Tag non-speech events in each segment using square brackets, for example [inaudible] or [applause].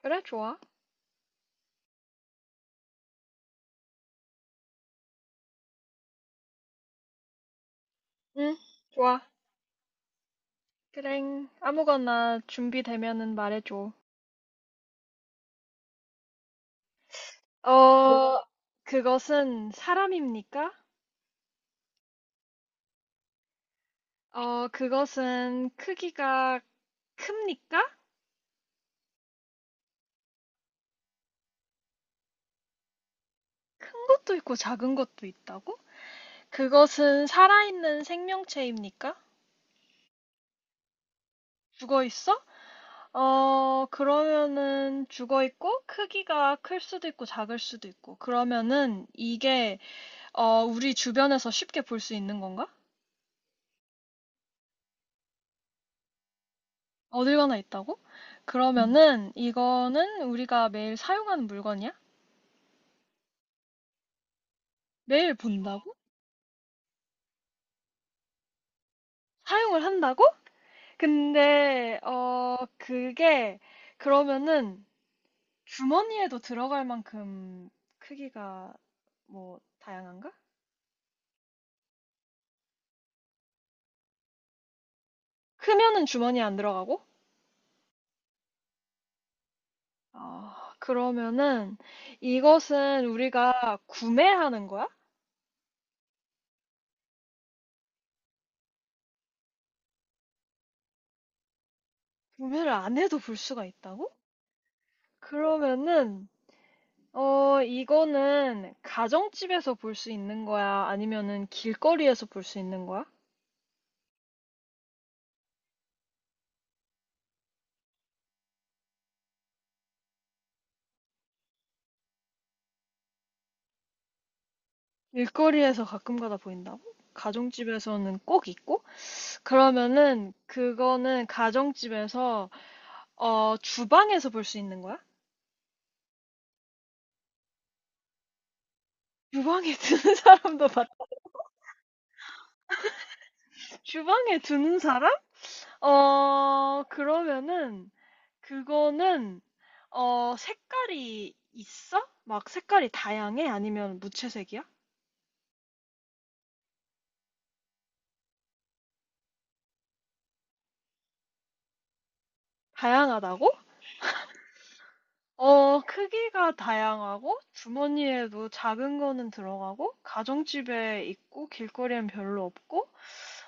그래, 좋아. 응. 좋아. 그랭. 아무거나 준비되면은 말해줘. 뭐, 어, 그것은 사람입니까? 그것은 크기가 큽니까? 큰 것도 있고 작은 것도 있다고? 그것은 살아있는 생명체입니까? 죽어 있어? 그러면은 죽어 있고 크기가 클 수도 있고 작을 수도 있고. 그러면은 이게 우리 주변에서 쉽게 볼 수 있는 건가? 어딜 가나 있다고? 음. 그러면은 이거는 우리가 매일 사용하는 물건이야? 매일 본다고? 사용을 한다고? 근데 그게 그러면은 주머니에도 들어갈 만큼 크기가 다양한가? 크면은 주머니에 안 들어가고? 아, 그러면은 이것은 우리가 구매하는 거야? 구매를 안 해도 볼 수가 있다고? 그러면은 이거는 가정집에서 볼 수 있는 거야? 아니면은 길거리에서 볼 수 있는 거야? 길거리에서 가끔 가다 보인다고? 가정집에서는 꼭 있고? 그러면은 그거는 가정집에서 주방에서 볼 수 있는 거야? 주방에 [laughs] 주방에 두는 사람? 어, 그러면은 그거는 색깔이 있어? 색깔이 다양해? 아니면 무채색이야? 다양하다고? 크기가 다양하고 주머니에도 작은 거는 들어가고 가정집에 있고 길거리엔 별로 없고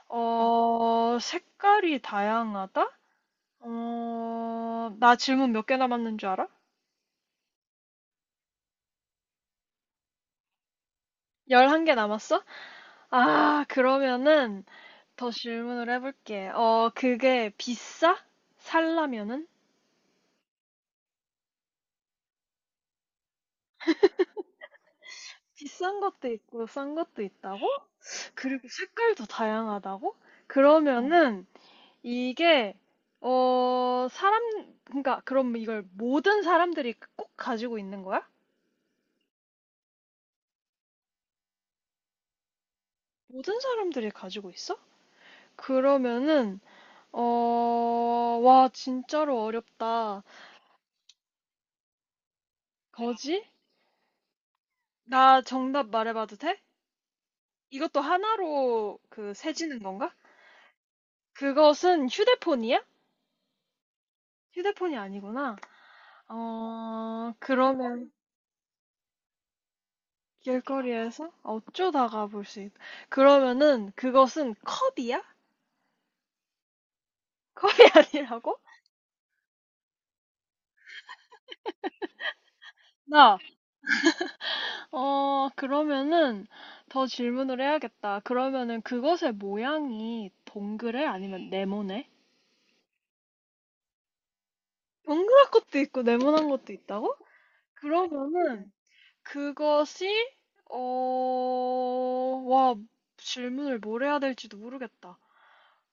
색깔이 다양하다? 나 질문 몇 개 남았는 줄 알아? 열한 개 남았어? 아, 그러면은 더 질문을 해볼게. 그게 비싸? 살라면은? 비싼 것도 있고 싼 것도 있다고? 그리고 색깔도 다양하다고? 음. 그러면은 이게 어 사람 그러니까 그럼 이걸 모든 사람들이 꼭 가지고 있는 거야? 모든 사람들이 가지고 있어? 그러면은 와, 진짜로 어렵다. 거지? 나 정답 말해봐도 돼? 이것도 하나로 세지는 건가? 그것은 휴대폰이야? 휴대폰이 아니구나. 그러면 길거리에서 어쩌다가 볼 수 있. 그러면은 그것은 컵이야? 컵이 [laughs] 아니라고? 나 그러면은 더 질문을 해야겠다. 그러면은 그것의 모양이 동그래? 아니면 네모네? 동그란 것도 있고 네모난 것도 있다고? 그러면은 그것이 어, 와, 질문을 뭘 해야 될지도 모르겠다.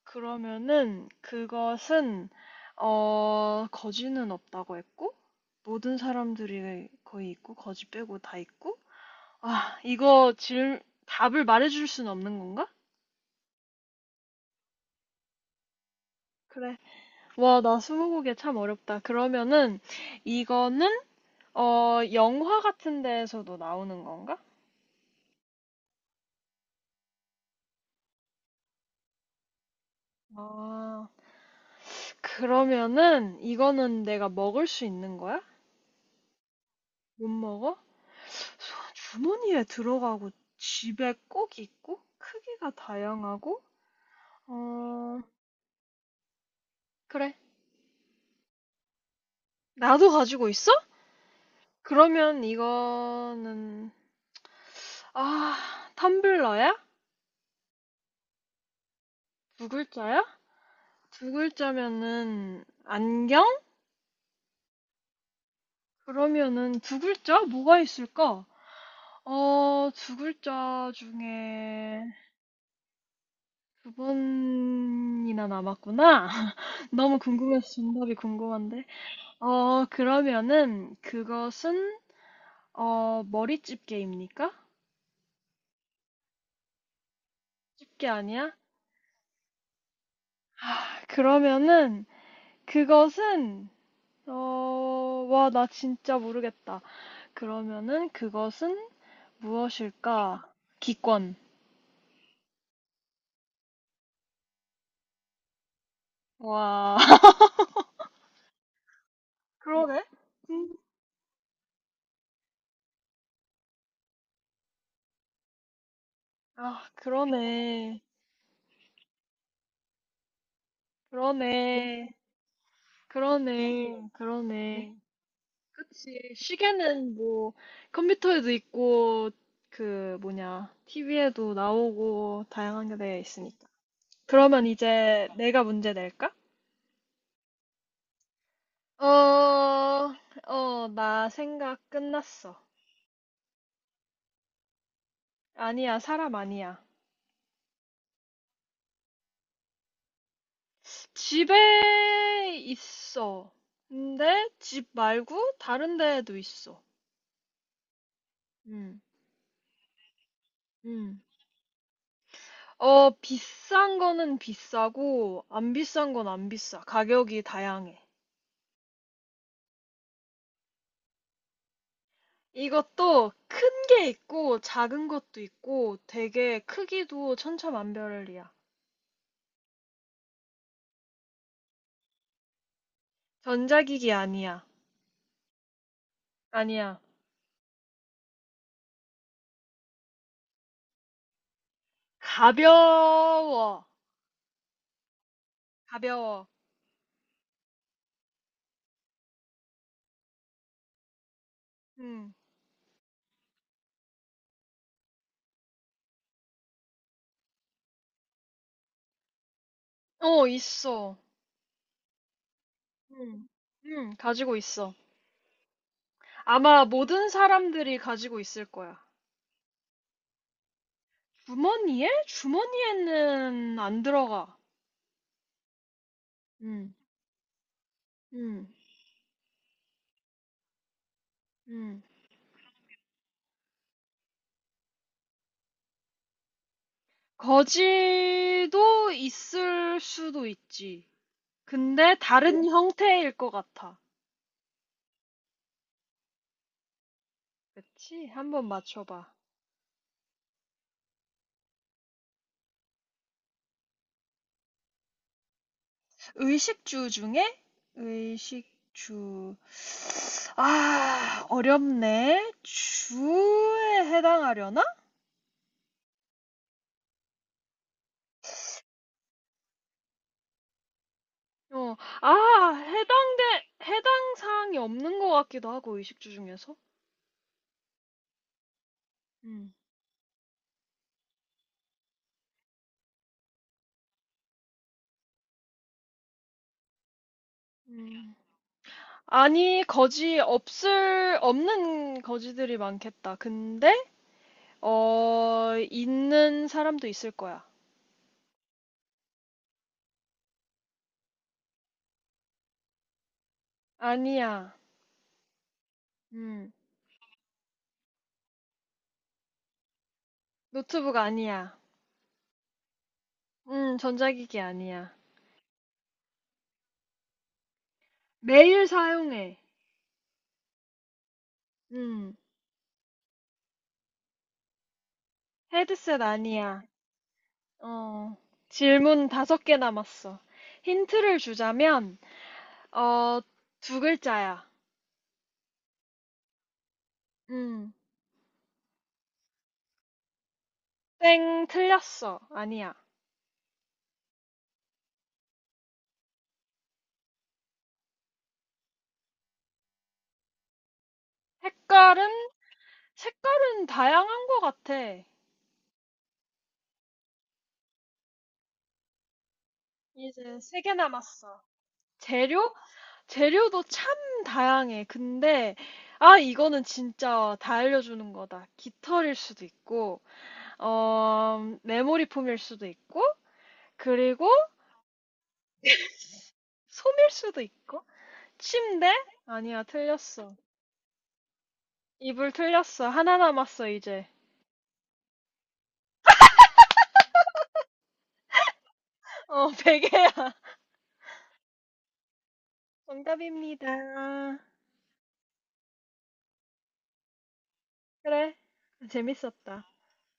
그러면은 그것은 거지는 없다고 했고 모든 사람들이 거의 있고 거지 빼고 다 있고 아, 이거 질 답을 말해줄 수는 없는 건가? 그래. 와, 나 스무고개 참 어렵다. 그러면은 이거는 영화 같은 데에서도 나오는 건가? 아, 그러면은 이거는 내가 먹을 수 있는 거야? 못 먹어? 주머니에 들어가고 집에 꼭 있고 크기가 다양하고 어, 그래. 나도 가지고 있어? 그러면 이거는 아, 텀블러야? 두 글자야? 두 글자면은 안경? 그러면은 두 글자? 뭐가 있을까? 어, 두 글자 중에 두 번이나 남았구나. [laughs] 너무 궁금해서 정답이 궁금한데. 그러면은 그것은 머리집게입니까? 집게 아니야? 그러면은 그것은 와, 나 진짜 모르겠다. 그러면은 그것은 무엇일까? 기권. 와. [laughs] 그러네. 음, 아, 그러네. 그러네. 그러네. 그러네. 응, 그치. 시계는 뭐, 컴퓨터에도 있고, 그, 뭐냐, TV에도 나오고, 다양한 게 되어 있으니까. 그러면 이제 내가 문제 낼까? 어, 나 생각 끝났어. 아니야, 사람 아니야. 집에 있어. 근데 집 말고 다른 데에도 있어. 응, 응. 비싼 거는 비싸고, 안 비싼 건 안 비싸. 가격이 다양해. 이것도 큰 게 있고, 작은 것도 있고, 되게 크기도 천차만별이야. 전자기기 아니야. 아니야. 가벼워. 가벼워. 응. 어, 있어. 응. 응, 가지고 있어. 아마 모든 사람들이 가지고 있을 거야. 주머니에? 주머니에는 안 들어가. 응, 응, 응. 거지도 있을 수도 있지. 근데 다른 형태일 것 같아. 그치? 한번 맞춰봐. 의식주 중에? 의식주. 아, 어렵네. 주에 해당하려나? 어, 아, 해당돼, 해당 사항이 없는 것 같기도 하고, 의식주 중에서. 음. 음. 아니, 없는 거지들이 많겠다. 근데, 있는 사람도 있을 거야. 아니야. 음, 노트북 아니야. 전자기기 아니야. 매일 사용해. 음, 헤드셋 아니야. 어, 질문 다섯 개 남았어. 힌트를 주자면, 어, 두 글자야. 음, 땡, 틀렸어. 아니야. 색깔은, 색깔은 다양한 것 같아. 이제 세 개 남았어. 재료? 재료도 참 다양해. 근데 아, 이거는 진짜 다 알려주는 거다. 깃털일 수도 있고, 메모리 폼일 수도 있고, 그리고 솜일 수도 있고, 침대? 아니야, 틀렸어. 이불 틀렸어. 하나 남았어, 이제. 어, 베개야. [laughs] 정답입니다. 그래. 재밌었다.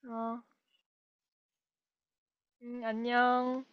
어, 안녕.